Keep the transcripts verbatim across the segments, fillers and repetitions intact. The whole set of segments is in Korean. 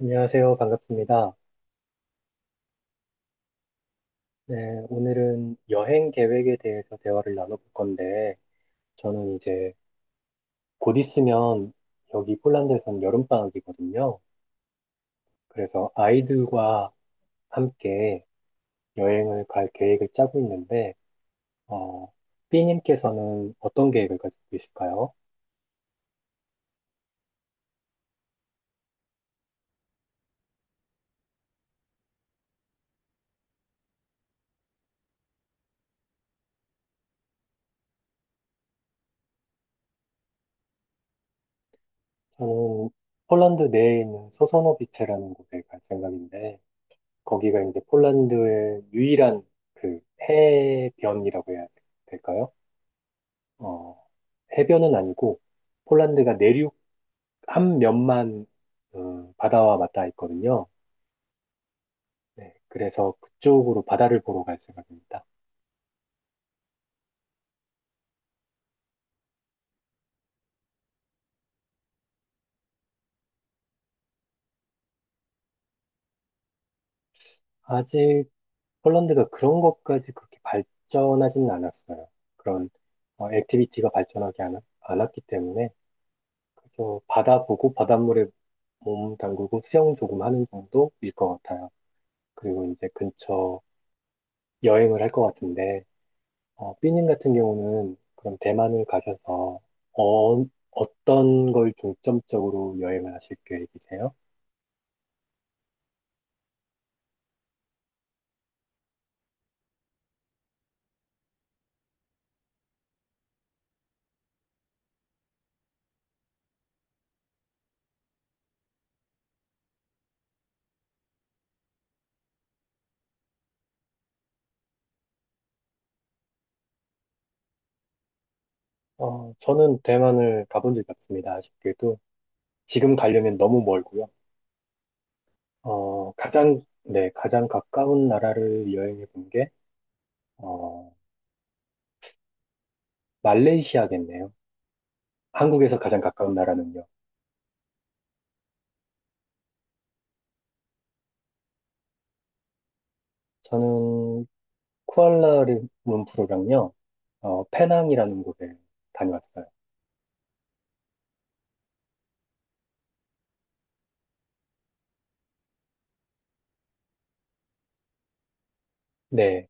안녕하세요. 반갑습니다. 네, 오늘은 여행 계획에 대해서 대화를 나눠볼 건데, 저는 이제 곧 있으면 여기 폴란드에선 여름방학이거든요. 그래서 아이들과 함께 여행을 갈 계획을 짜고 있는데, 어, B님께서는 어떤 계획을 가지고 계실까요? 저는 폴란드 내에 있는 소서노비체라는 곳에 갈 생각인데, 거기가 이제 폴란드의 유일한 그 해변이라고 해야 될까요? 어, 해변은 아니고 폴란드가 내륙 한 면만 어, 바다와 맞닿아 있거든요. 네, 그래서 그쪽으로 바다를 보러 갈 생각입니다. 아직 폴란드가 그런 것까지 그렇게 발전하지는 않았어요. 그런 어, 액티비티가 발전하지 않, 않았기 때문에 그래서 바다 보고 바닷물에 몸 담그고 수영 조금 하는 정도일 것 같아요. 그리고 이제 근처 여행을 할 것 같은데 어, 삐님 같은 경우는 그럼 대만을 가셔서 어, 어떤 걸 중점적으로 여행을 하실 계획이세요? 어, 저는 대만을 가본 적이 없습니다. 아쉽게도 지금 가려면 너무 멀고요. 어, 가장, 네, 가장 가까운 나라를 여행해 본 게, 어, 말레이시아겠네요. 한국에서 가장 가까운 나라는요. 저는 쿠알라룸푸르랑요, 어, 페낭이라는 곳에 다녀왔어요. 네.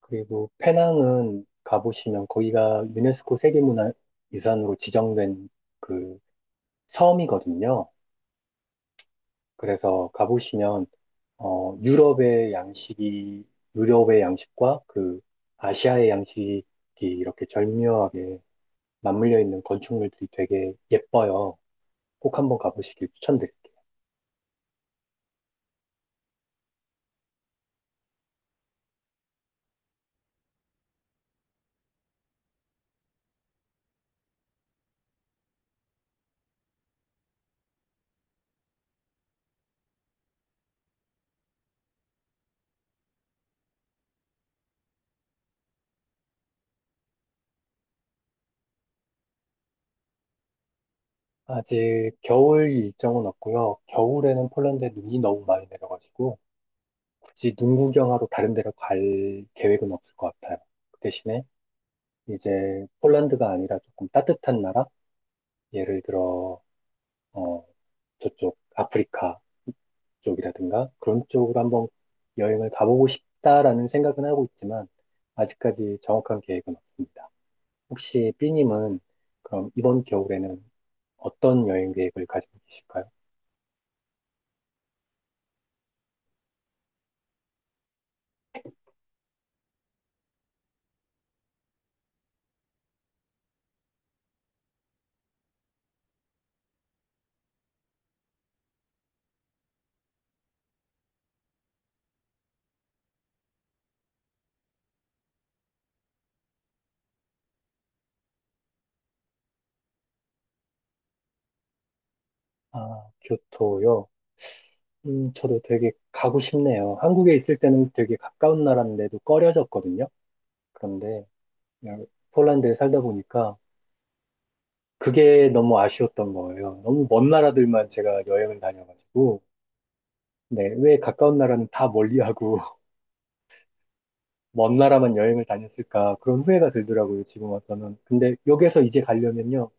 그리고 페낭은 가보시면 거기가 유네스코 세계문화유산으로 지정된 그 섬이거든요. 그래서 가보시면 어, 유럽의 양식이 유럽의 양식과 그 아시아의 양식이 이렇게 절묘하게 맞물려 있는 건축물들이 되게 예뻐요. 꼭 한번 가보시길 추천드릴게요. 아직 겨울 일정은 없고요. 겨울에는 폴란드에 눈이 너무 많이 내려가지고 굳이 눈 구경하러 다른 데로 갈 계획은 없을 것 같아요. 그 대신에 이제 폴란드가 아니라 조금 따뜻한 나라? 예를 들어, 어, 저쪽 아프리카 쪽이라든가 그런 쪽으로 한번 여행을 가보고 싶다라는 생각은 하고 있지만 아직까지 정확한 계획은 없습니다. 혹시 B님은 그럼 이번 겨울에는 어떤 여행 계획을 가지고 계실까요? 아, 교토요? 음, 저도 되게 가고 싶네요. 한국에 있을 때는 되게 가까운 나라인데도 꺼려졌거든요. 그런데 그냥 폴란드에 살다 보니까 그게 너무 아쉬웠던 거예요. 너무 먼 나라들만 제가 여행을 다녀가지고 네, 왜 가까운 나라는 다 멀리하고 먼 나라만 여행을 다녔을까 그런 후회가 들더라고요. 지금 와서는. 근데 여기서 이제 가려면요.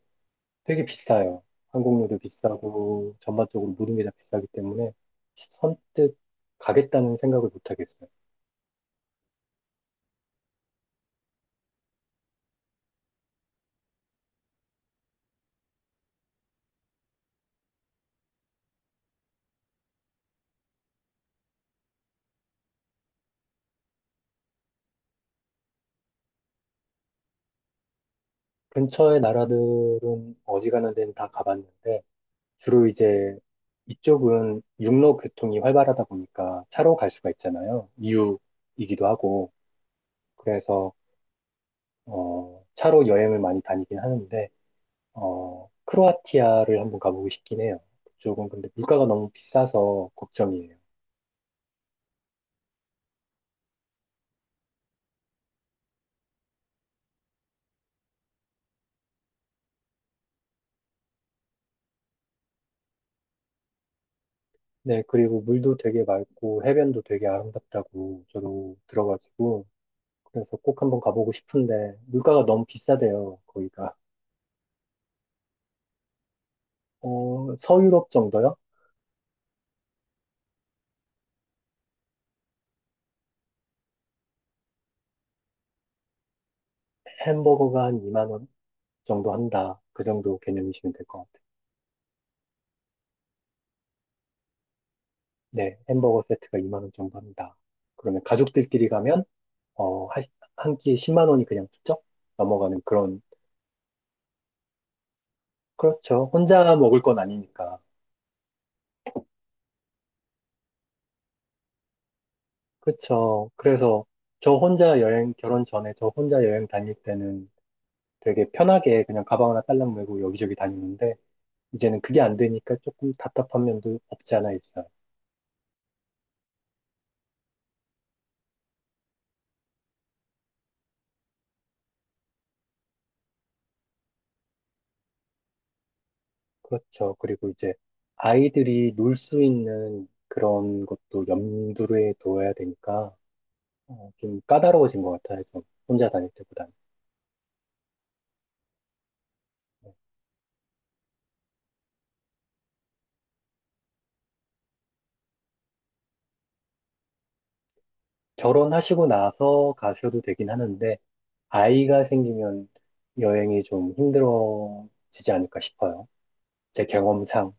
되게 비싸요. 항공료도 비싸고 전반적으로 모든 게 다 비싸기 때문에 선뜻 가겠다는 생각을 못 하겠어요. 근처의 나라들은 어지간한 데는 다 가봤는데 주로 이제 이쪽은 육로 교통이 활발하다 보니까 차로 갈 수가 있잖아요. 이유이기도 하고. 그래서, 어, 차로 여행을 많이 다니긴 하는데, 어, 크로아티아를 한번 가보고 싶긴 해요. 그쪽은 근데 물가가 너무 비싸서 걱정이에요. 네, 그리고 물도 되게 맑고 해변도 되게 아름답다고 저도 들어가지고, 그래서 꼭 한번 가보고 싶은데, 물가가 너무 비싸대요, 거기가. 어, 서유럽 정도요? 햄버거가 한 2만 원? 정도 한다. 그 정도 개념이시면 될 것 같아요. 네, 햄버거 세트가 2만 원 정도 한다. 그러면 가족들끼리 가면 어, 하- 한 끼에 십만 원 원이 그냥 훌쩍 넘어가는 그런. 그렇죠. 혼자 먹을 건 아니니까. 그렇죠. 그래서 저 혼자 여행 결혼 전에 저 혼자 여행 다닐 때는 되게 편하게 그냥 가방 하나 딸랑 메고 여기저기 다니는데 이제는 그게 안 되니까 조금 답답한 면도 없지 않아 있어요. 그렇죠. 그리고 이제 아이들이 놀 수 있는 그런 것도 염두에 둬야 되니까 어, 좀 까다로워진 것 같아요. 좀 혼자 다닐 때보다는. 결혼하시고 나서 가셔도 되긴 하는데 아이가 생기면 여행이 좀 힘들어지지 않을까 싶어요. 제 경험상.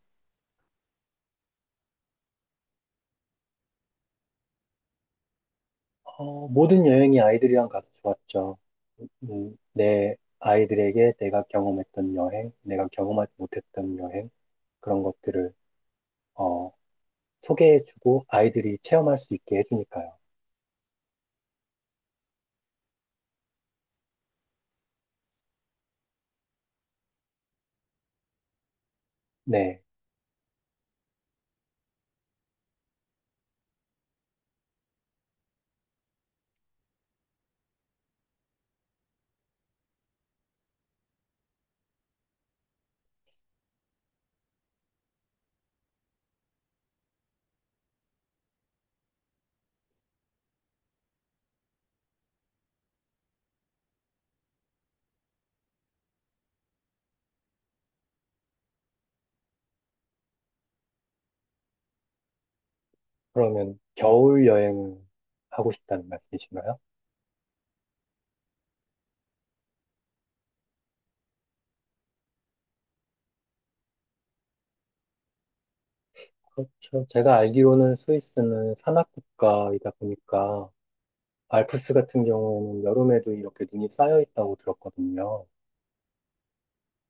어, 모든 여행이 아이들이랑 가서 좋았죠. 음, 내 아이들에게 내가 경험했던 여행, 내가 경험하지 못했던 여행, 그런 것들을 어, 소개해주고 아이들이 체험할 수 있게 해주니까요. 네. 그러면 겨울 여행을 하고 싶다는 말씀이신가요? 그렇죠. 제가 알기로는 스위스는 산악 국가이다 보니까 알프스 같은 경우에는 여름에도 이렇게 눈이 쌓여 있다고 들었거든요.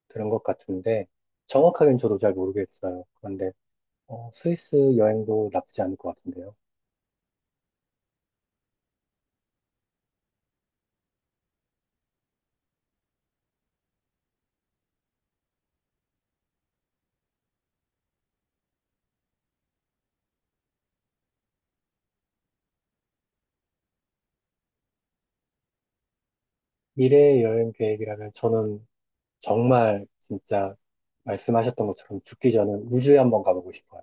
들은 것 같은데 정확하게는 저도 잘 모르겠어요. 그런데 어, 스위스 여행도 나쁘지 않을 것 같은데요. 미래의 여행 계획이라면 저는 정말 진짜 말씀하셨던 것처럼 죽기 전에 우주에 한번 가보고 싶어요.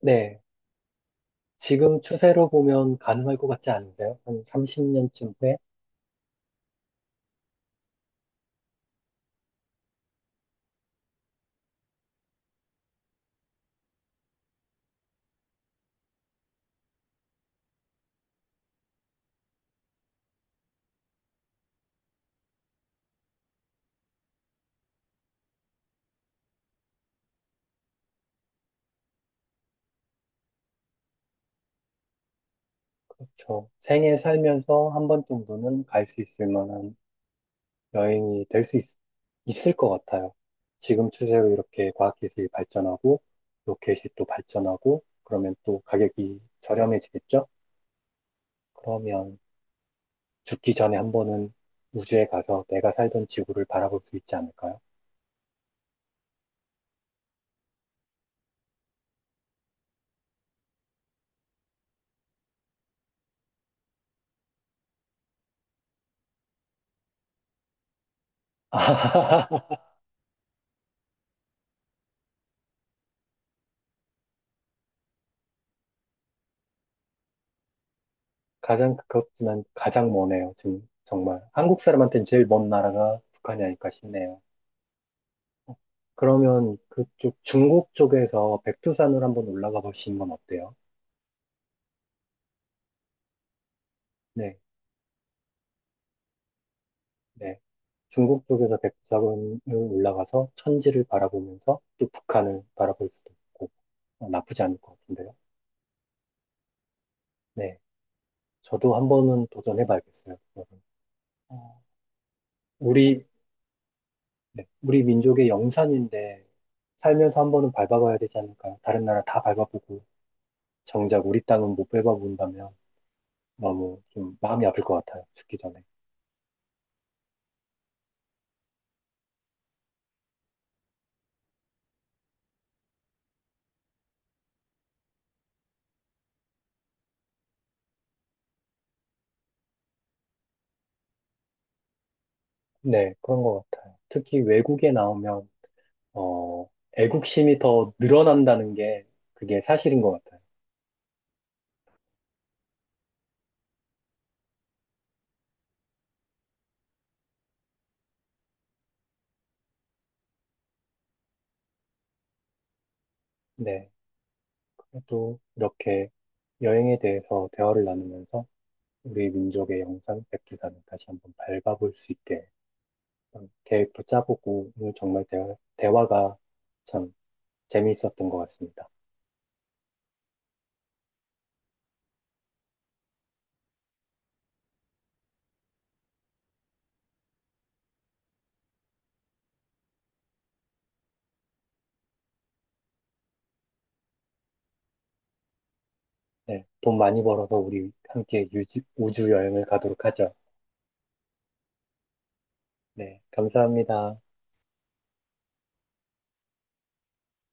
네. 지금 추세로 보면 가능할 것 같지 않으세요? 한 삼십 년쯤 후에? 그렇죠. 생애 살면서 한 번 정도는 갈 수 있을 만한 여행이 될 수 있을 것 같아요. 지금 추세로 이렇게 과학기술이 발전하고, 로켓이 또 발전하고, 그러면 또 가격이 저렴해지겠죠? 그러면 죽기 전에 한 번은 우주에 가서 내가 살던 지구를 바라볼 수 있지 않을까요? 가장 가깝지만 가장 머네요, 지금. 정말. 한국 사람한테는 제일 먼 나라가 북한이 아닐까 싶네요. 그러면 그쪽 중국 쪽에서 백두산을 한번 올라가 보시는 건 어때요? 네, 네. 중국 쪽에서 백두산을 올라가서 천지를 바라보면서 또 북한을 바라볼 수도 있고 어, 나쁘지 않을 것 같은데요. 네, 저도 한 번은 도전해 봐야겠어요. 그거를. 어, 우리, 네, 우리 민족의 영산인데 살면서 한 번은 밟아봐야 되지 않을까요? 다른 나라 다 밟아보고 정작 우리 땅은 못 밟아본다면 너무 좀 마음이 아플 것 같아요. 죽기 전에. 네, 그런 것 같아요. 특히 외국에 나오면 어, 애국심이 더 늘어난다는 게 그게 사실인 것 같아요. 네, 그래도 이렇게 여행에 대해서 대화를 나누면서 우리 민족의 영상 백두산을 다시 한번 밟아볼 수 있게 그런 계획도 짜보고 오늘 정말 대화, 대화가 참 재미있었던 것 같습니다. 네, 돈 많이 벌어서 우리 함께 유지- 우주 여행을 가도록 하죠. 네, 감사합니다.